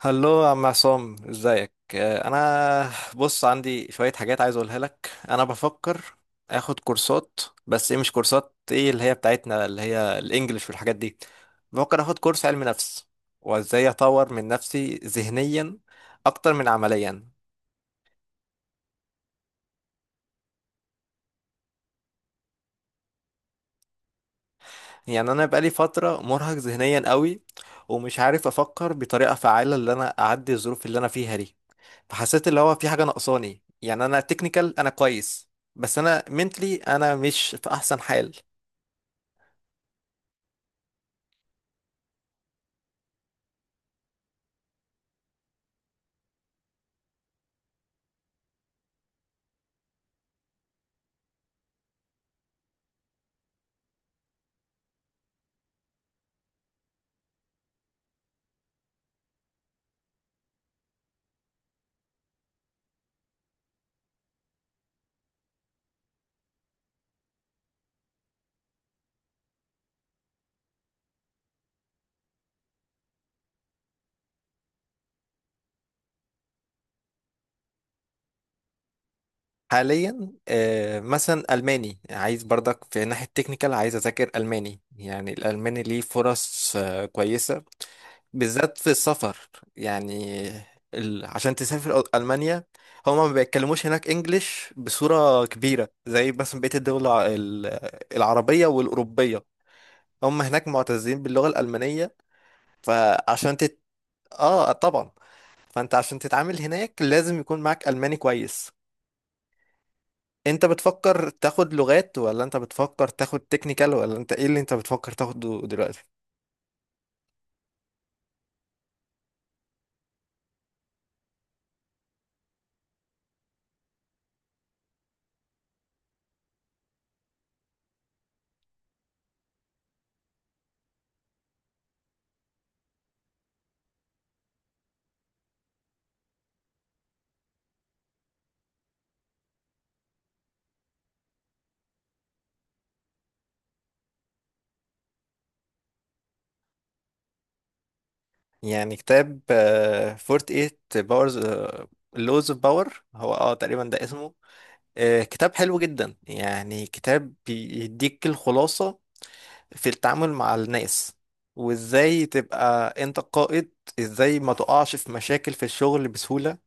هلو يا عم عصام، ازيك؟ انا بص، عندي شوية حاجات عايز اقولها لك. انا بفكر اخد كورسات، بس ايه؟ مش كورسات ايه اللي هي بتاعتنا اللي هي الانجليش والحاجات دي. بفكر اخد كورس علم نفس، وازاي اطور من نفسي ذهنيا اكتر من عمليا. يعني انا بقالي فترة مرهق ذهنيا قوي، ومش عارف افكر بطريقة فعالة اللي انا اعدي الظروف اللي انا فيها دي. فحسيت اللي هو في حاجة ناقصاني، يعني أنا تكنيكال أنا كويس، بس أنا منتلي أنا مش في أحسن حال. حاليا مثلا ألماني، عايز برضك في ناحية تكنيكال، عايز أذاكر ألماني. يعني الألماني ليه فرص كويسة، بالذات في السفر. يعني عشان تسافر ألمانيا، هما ما بيتكلموش هناك إنجليش بصورة كبيرة زي مثلا بقية الدول العربية والأوروبية. هم هناك معتزين باللغة الألمانية. فعشان، اه طبعا، فانت عشان تتعامل هناك لازم يكون معاك الماني كويس. انت بتفكر تاخد لغات ولا انت بتفكر تاخد تكنيكال، ولا انت ايه اللي انت بتفكر تاخده دلوقتي؟ يعني كتاب فورت ايت باورز، لوز اوف باور، هو اه تقريبا ده اسمه. آه، كتاب حلو جدا. يعني كتاب بيديك الخلاصة في التعامل مع الناس، وازاي تبقى انت قائد، ازاي ما تقعش في مشاكل في الشغل بسهولة.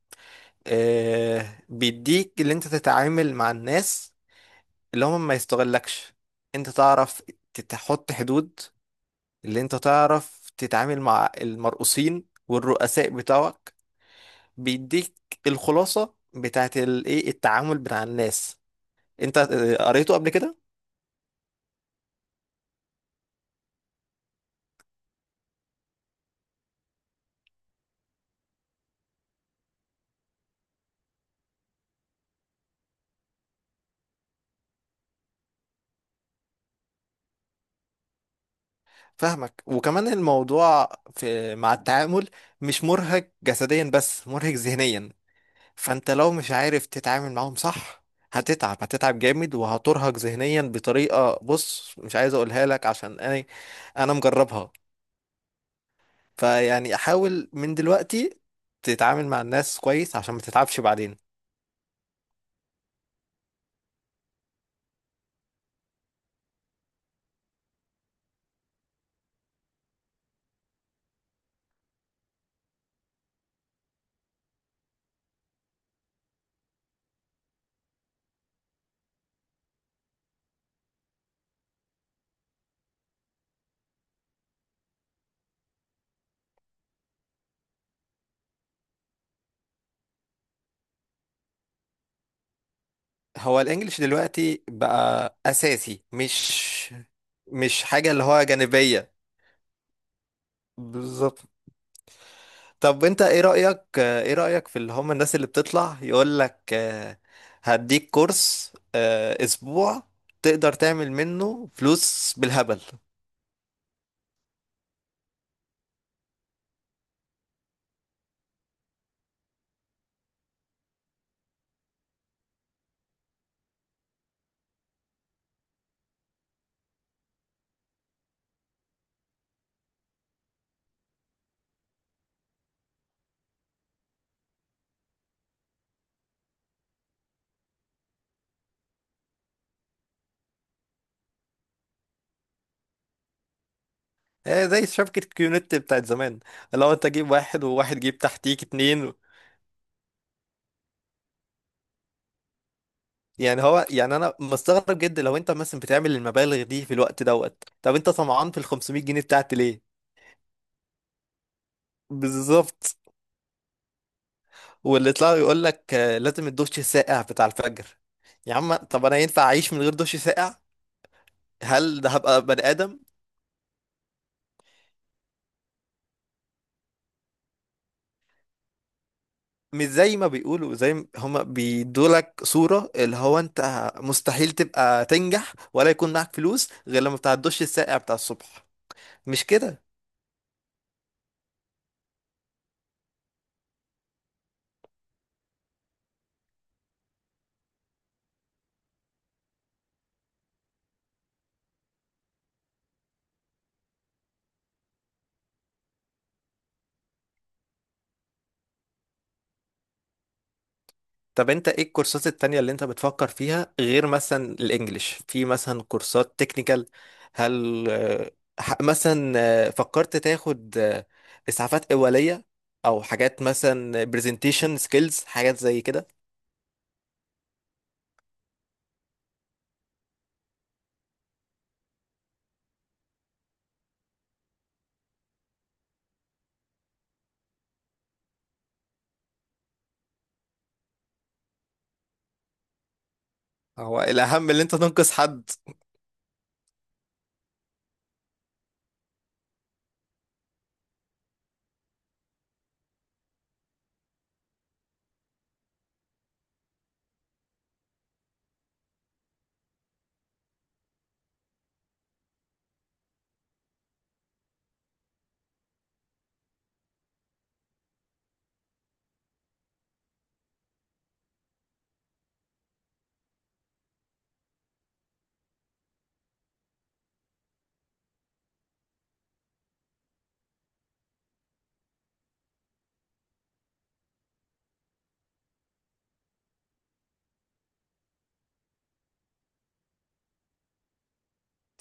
آه، بيديك اللي انت تتعامل مع الناس اللي هم ما يستغلكش، انت تعرف تحط حدود، اللي انت تعرف تتعامل مع المرؤوسين والرؤساء بتوعك. بيديك الخلاصة بتاعت الايه، التعامل بتاع الناس. انت قريته قبل كده؟ فاهمك. وكمان الموضوع في مع التعامل، مش مرهق جسديا بس مرهق ذهنيا. فانت لو مش عارف تتعامل معاهم صح، هتتعب، هتتعب جامد وهترهق ذهنيا بطريقة بص مش عايز اقولها لك، عشان انا انا مجربها. فيعني احاول من دلوقتي تتعامل مع الناس كويس عشان ما تتعبش بعدين. هو الانجليش دلوقتي بقى اساسي، مش مش حاجة اللي هو جانبية. بالظبط. طب انت ايه رأيك، ايه رأيك في اللي هم الناس اللي بتطلع يقول لك هديك كورس اسبوع تقدر تعمل منه فلوس بالهبل؟ زي شبكة كيونت بتاعت زمان، لو انت جيب واحد وواحد جيب تحتيك اتنين. يعني هو، يعني انا مستغرب جدا لو انت مثلا بتعمل المبالغ دي في الوقت دوت، طب انت طمعان في ال 500 جنيه بتاعت ليه؟ بالظبط. واللي يطلع يقول لك لازم الدش الساقع بتاع الفجر، يا عم طب انا ينفع اعيش من غير دش ساقع؟ هل ده هبقى بني ادم؟ مش زي ما بيقولوا، زي ما هما بيدولك صورة اللي هو انت مستحيل تبقى تنجح ولا يكون معاك فلوس غير لما بتاع الدش الساقع بتاع الصبح. مش كده. طب انت ايه الكورسات التانية اللي انت بتفكر فيها غير مثلا الانجليش؟ في مثلا كورسات تكنيكال، هل مثلا فكرت تاخد اسعافات اولية او حاجات مثلا برزنتيشن سكيلز، حاجات زي كده؟ هو الاهم اللي انت تنقذ حد.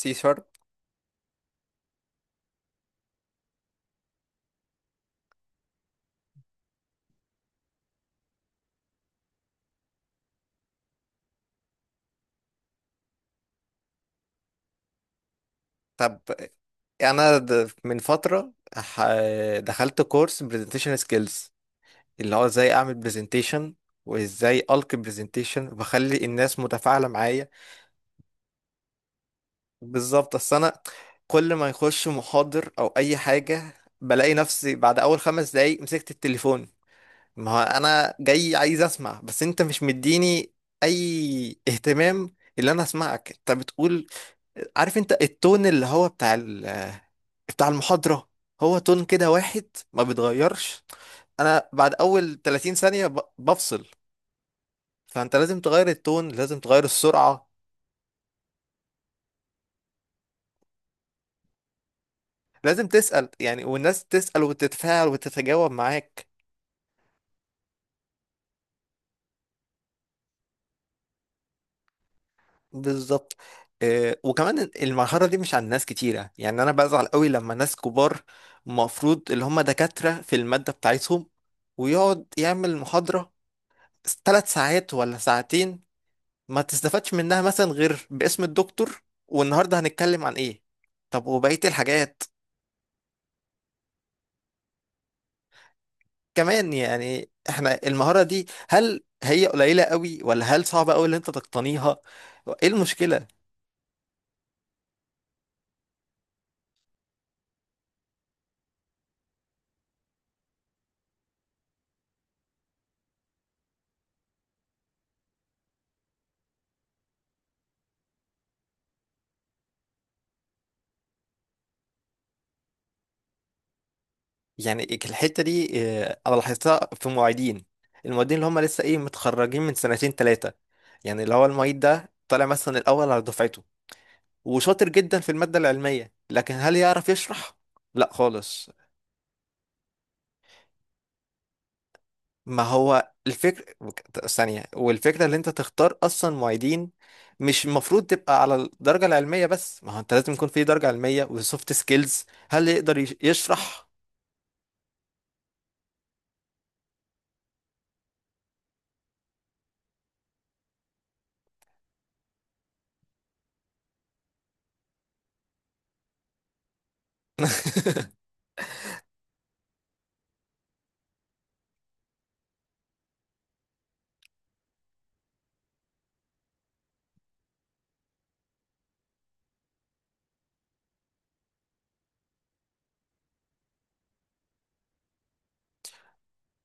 سي شارب. طب انا من فتره دخلت كورس برزنتيشن سكيلز، اللي هو ازاي اعمل برزنتيشن، وازاي القي برزنتيشن وبخلي الناس متفاعله معايا. بالظبط، اصل انا كل ما يخش محاضر او اي حاجه، بلاقي نفسي بعد اول خمس دقايق مسكت التليفون. ما هو انا جاي عايز اسمع، بس انت مش مديني اي اهتمام اللي انا اسمعك انت بتقول. عارف انت التون اللي هو بتاع المحاضرة؟ هو تون كده واحد، ما بيتغيرش. انا بعد اول 30 ثانية بفصل. فانت لازم تغير التون، لازم تغير السرعة. لازم تسأل يعني، والناس تسأل وتتفاعل وتتجاوب معاك. بالظبط. وكمان المرحلة دي مش عند ناس كتيرة. يعني انا بزعل قوي لما ناس كبار، المفروض اللي هم دكاترة في المادة بتاعتهم، ويقعد يعمل محاضرة ثلاث ساعات ولا ساعتين، ما تستفادش منها مثلا غير باسم الدكتور والنهارده هنتكلم عن ايه. طب وبقية الحاجات كمان؟ يعني احنا المهارة دي هل هي قليلة قوي، ولا هل صعبة قوي اللي انت تقتنيها؟ ايه المشكلة؟ يعني الحتة دي اه، انا لاحظتها في معيدين. المعيدين اللي هم لسه ايه، متخرجين من سنتين ثلاثة، يعني اللي هو المعيد ده طالع مثلا الاول على دفعته وشاطر جدا في المادة العلمية، لكن هل يعرف يشرح؟ لا خالص. ما هو الفكر ثانية، والفكرة اللي انت تختار اصلا معيدين، مش المفروض تبقى على الدرجة العلمية بس. ما هو انت لازم يكون في درجة علمية وسوفت سكيلز، هل يقدر يشرح.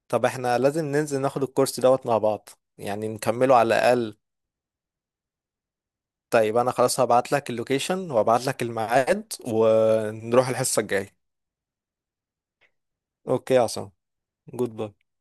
طب احنا لازم ننزل ناخد الكورس دوت مع بعض، يعني نكمله على الاقل. طيب انا خلاص هبعت لك اللوكيشن وهبعت لك الميعاد، ونروح الحصة الجاية. اوكي يا عصام، جود باي.